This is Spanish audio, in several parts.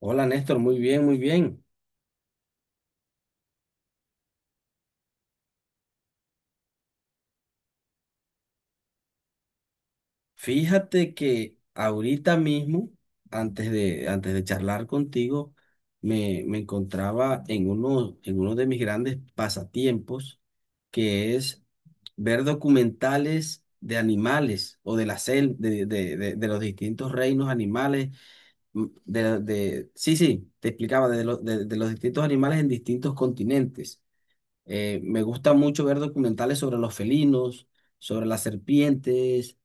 Hola Néstor, muy bien, muy bien. Fíjate que ahorita mismo, antes de charlar contigo, me encontraba en uno de mis grandes pasatiempos, que es ver documentales de animales o de los distintos reinos animales. De, sí, sí, te explicaba, de, lo- de los distintos animales en distintos continentes. Me gusta mucho ver documentales sobre los felinos, sobre las serpientes.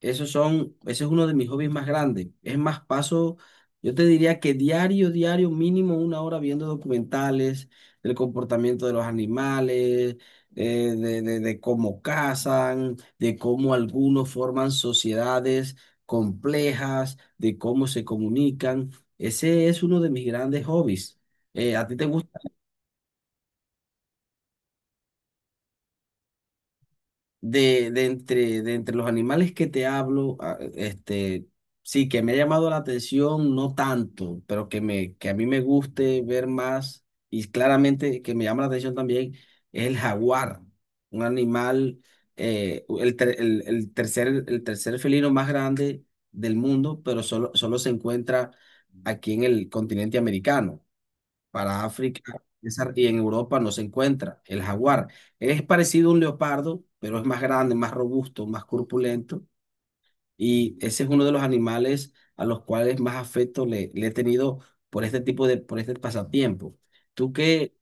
Ese es uno de mis hobbies más grandes. Es más, yo te diría que diario, diario, mínimo una hora viendo documentales del comportamiento de los animales, de cómo cazan, de cómo algunos forman sociedades complejas, de cómo se comunican. Ese es uno de mis grandes hobbies. ¿A ti te gusta? De entre los animales que te hablo, sí, que me ha llamado la atención, no tanto, pero que a mí me guste ver más, y claramente que me llama la atención también, es el jaguar, un animal, el, ter- el tercer felino más grande del mundo, pero solo se encuentra aquí en el continente americano. Y en Europa no se encuentra. El jaguar es parecido a un leopardo, pero es más grande, más robusto, más corpulento, y ese es uno de los animales a los cuales más afecto le he tenido por por este pasatiempo. Tú qué,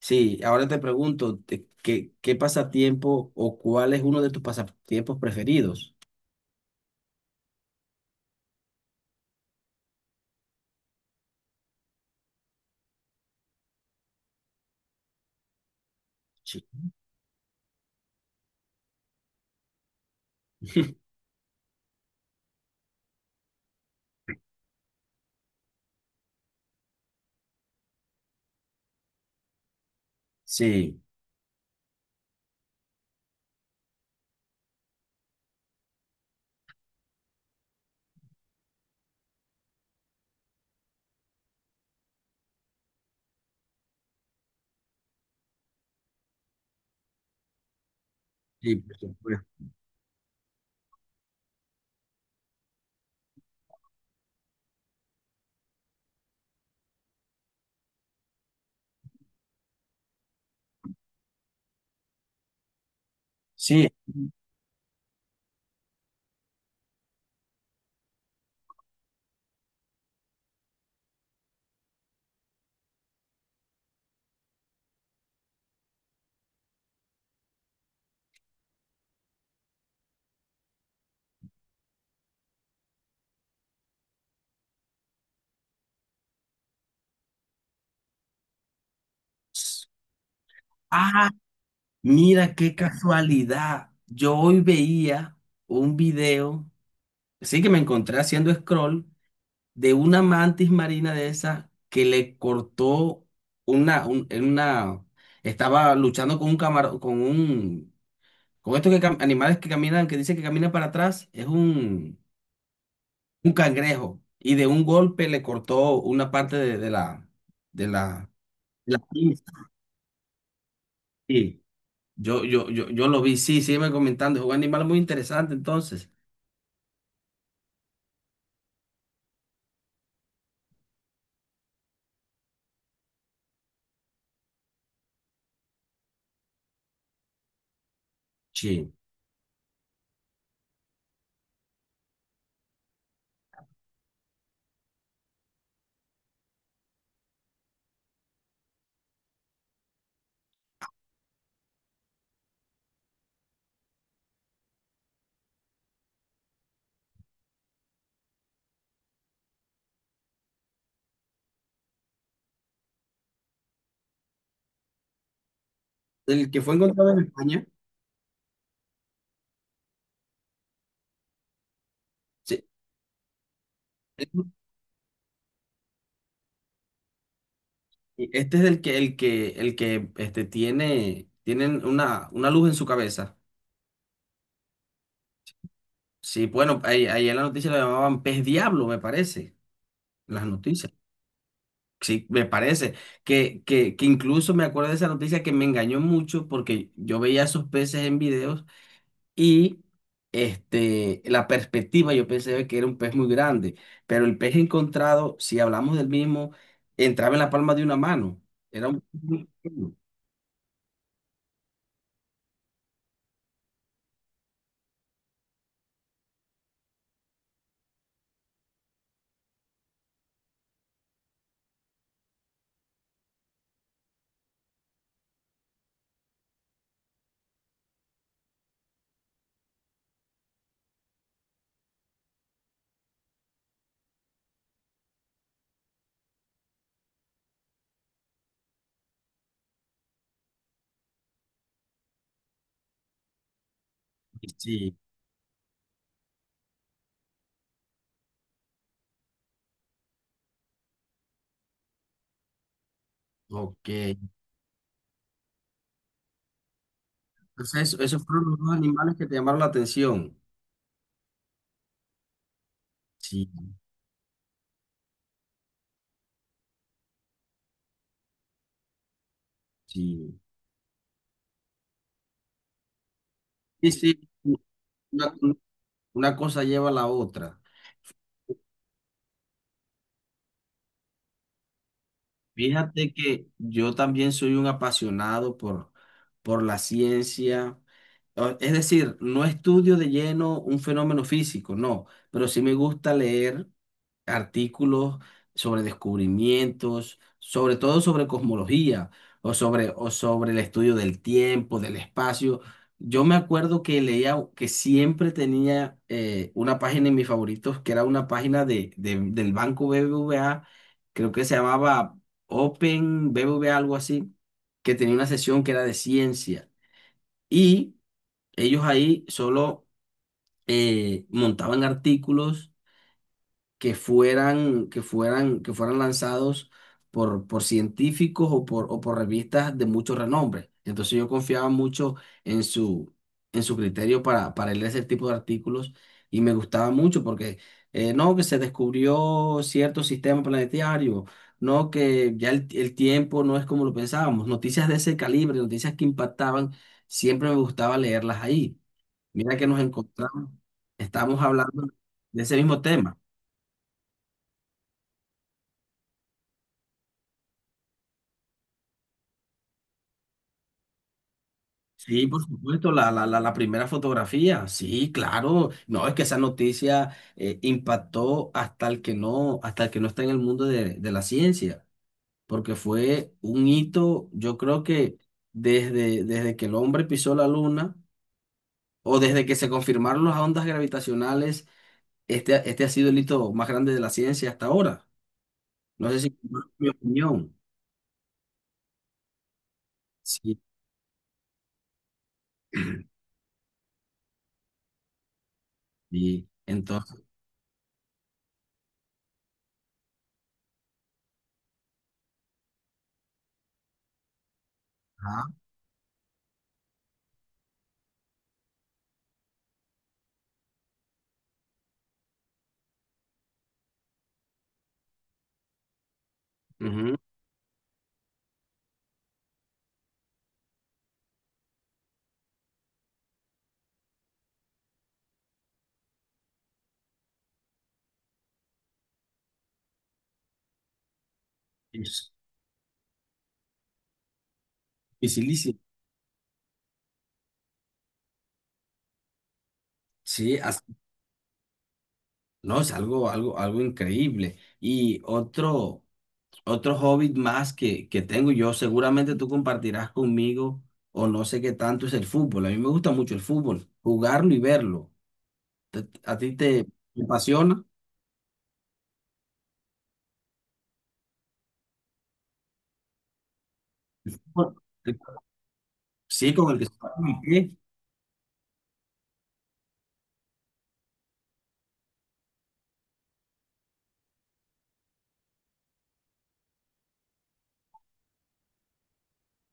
sí, ahora te pregunto. ¿Qué pasatiempo o cuál es uno de tus pasatiempos preferidos? Sí. Sí, sí, por supuesto. Sí. Ah, mira qué casualidad. Yo hoy veía un video, sí que me encontré haciendo scroll, de una mantis marina de esa que le cortó una, un- en una, estaba luchando con un camarón, con estos animales que caminan, que dice que camina para atrás, es un cangrejo. Y de un golpe le cortó una parte de la pinza. Sí. Yo lo vi, sí, sígueme comentando. Es un animal muy interesante entonces. Sí. El que fue encontrado en España. Sí. Este es el que, el que, el que este, tiene, tienen una luz en su cabeza. Sí, bueno, ahí en la noticia lo llamaban pez diablo, me parece, en las noticias. Sí, me parece. Que incluso me acuerdo de esa noticia que me engañó mucho porque yo veía esos peces en videos. Y la perspectiva, yo pensé que era un pez muy grande, pero el pez encontrado, si hablamos del mismo, entraba en la palma de una mano. Era un pez muy pequeño. Sí, ok. Entonces, esos fueron los dos animales que te llamaron la atención. Sí, sí. Sí, sí, una, una cosa lleva a la otra. Fíjate que yo también soy un apasionado por la ciencia. Es decir, no estudio de lleno un fenómeno físico, no, pero sí me gusta leer artículos sobre descubrimientos, sobre todo sobre cosmología o sobre el estudio del tiempo, del espacio. Yo me acuerdo que leía, que siempre tenía una página en mis favoritos, que era una página del Banco BBVA, creo que se llamaba Open BBVA, algo así, que tenía una sesión que era de ciencia. Y ellos ahí solo montaban artículos que fueran lanzados por científicos o por revistas de mucho renombre. Entonces yo confiaba mucho en su, en su criterio para leer ese tipo de artículos y me gustaba mucho porque no, que se descubrió cierto sistema planetario, no, que ya el tiempo no es como lo pensábamos. Noticias de ese calibre, noticias que impactaban, siempre me gustaba leerlas ahí. Mira que nos encontramos, estamos hablando de ese mismo tema. Sí, por supuesto, la primera fotografía, sí, claro. No, es que esa noticia impactó hasta el que no, está en el mundo de la ciencia, porque fue un hito, yo creo que desde que el hombre pisó la luna o desde que se confirmaron las ondas gravitacionales, este ha sido el hito más grande de la ciencia hasta ahora. No sé si compartes mi opinión. Sí, sí. Entonces, ajá, ujú, es dificilísimo. Sí. No, es algo, algo, algo increíble. Y otro hobby más que tengo yo, seguramente tú compartirás conmigo, o no sé qué tanto es el fútbol. A mí me gusta mucho el fútbol, jugarlo y verlo. ¿A ti te apasiona? Sí, con el que se parte el pie.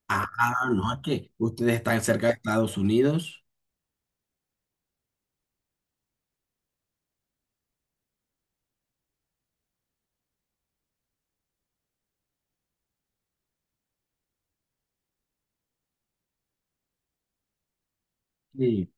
Ah, no, es que ustedes están cerca de Estados Unidos. Sí.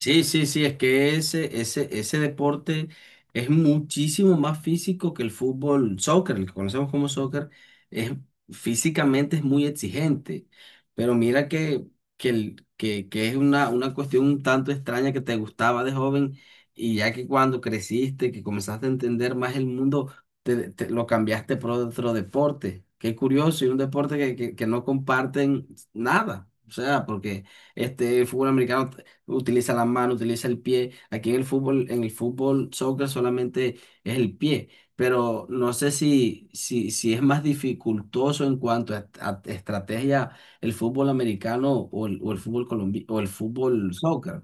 Sí, sí, sí, es que ese deporte es muchísimo más físico que el fútbol, soccer, el que conocemos como soccer, es, físicamente es muy exigente, pero mira que es una cuestión un tanto extraña que te gustaba de joven y ya que cuando creciste, que comenzaste a entender más el mundo, lo cambiaste por otro deporte. Qué curioso, y un deporte que no comparten nada, o sea, porque este fútbol americano utiliza la mano, utiliza el pie. Aquí en el fútbol, soccer solamente es el pie, pero no sé si es más dificultoso en cuanto a estrategia el fútbol americano o o el fútbol colombiano o el fútbol soccer.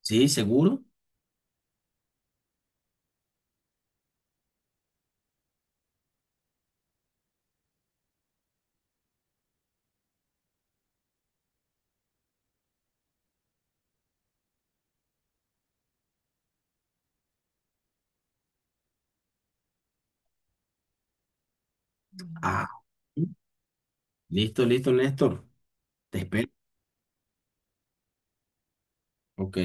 ¿Sí? ¿Seguro? Ah, listo, listo, Néstor. Te espero. Ok.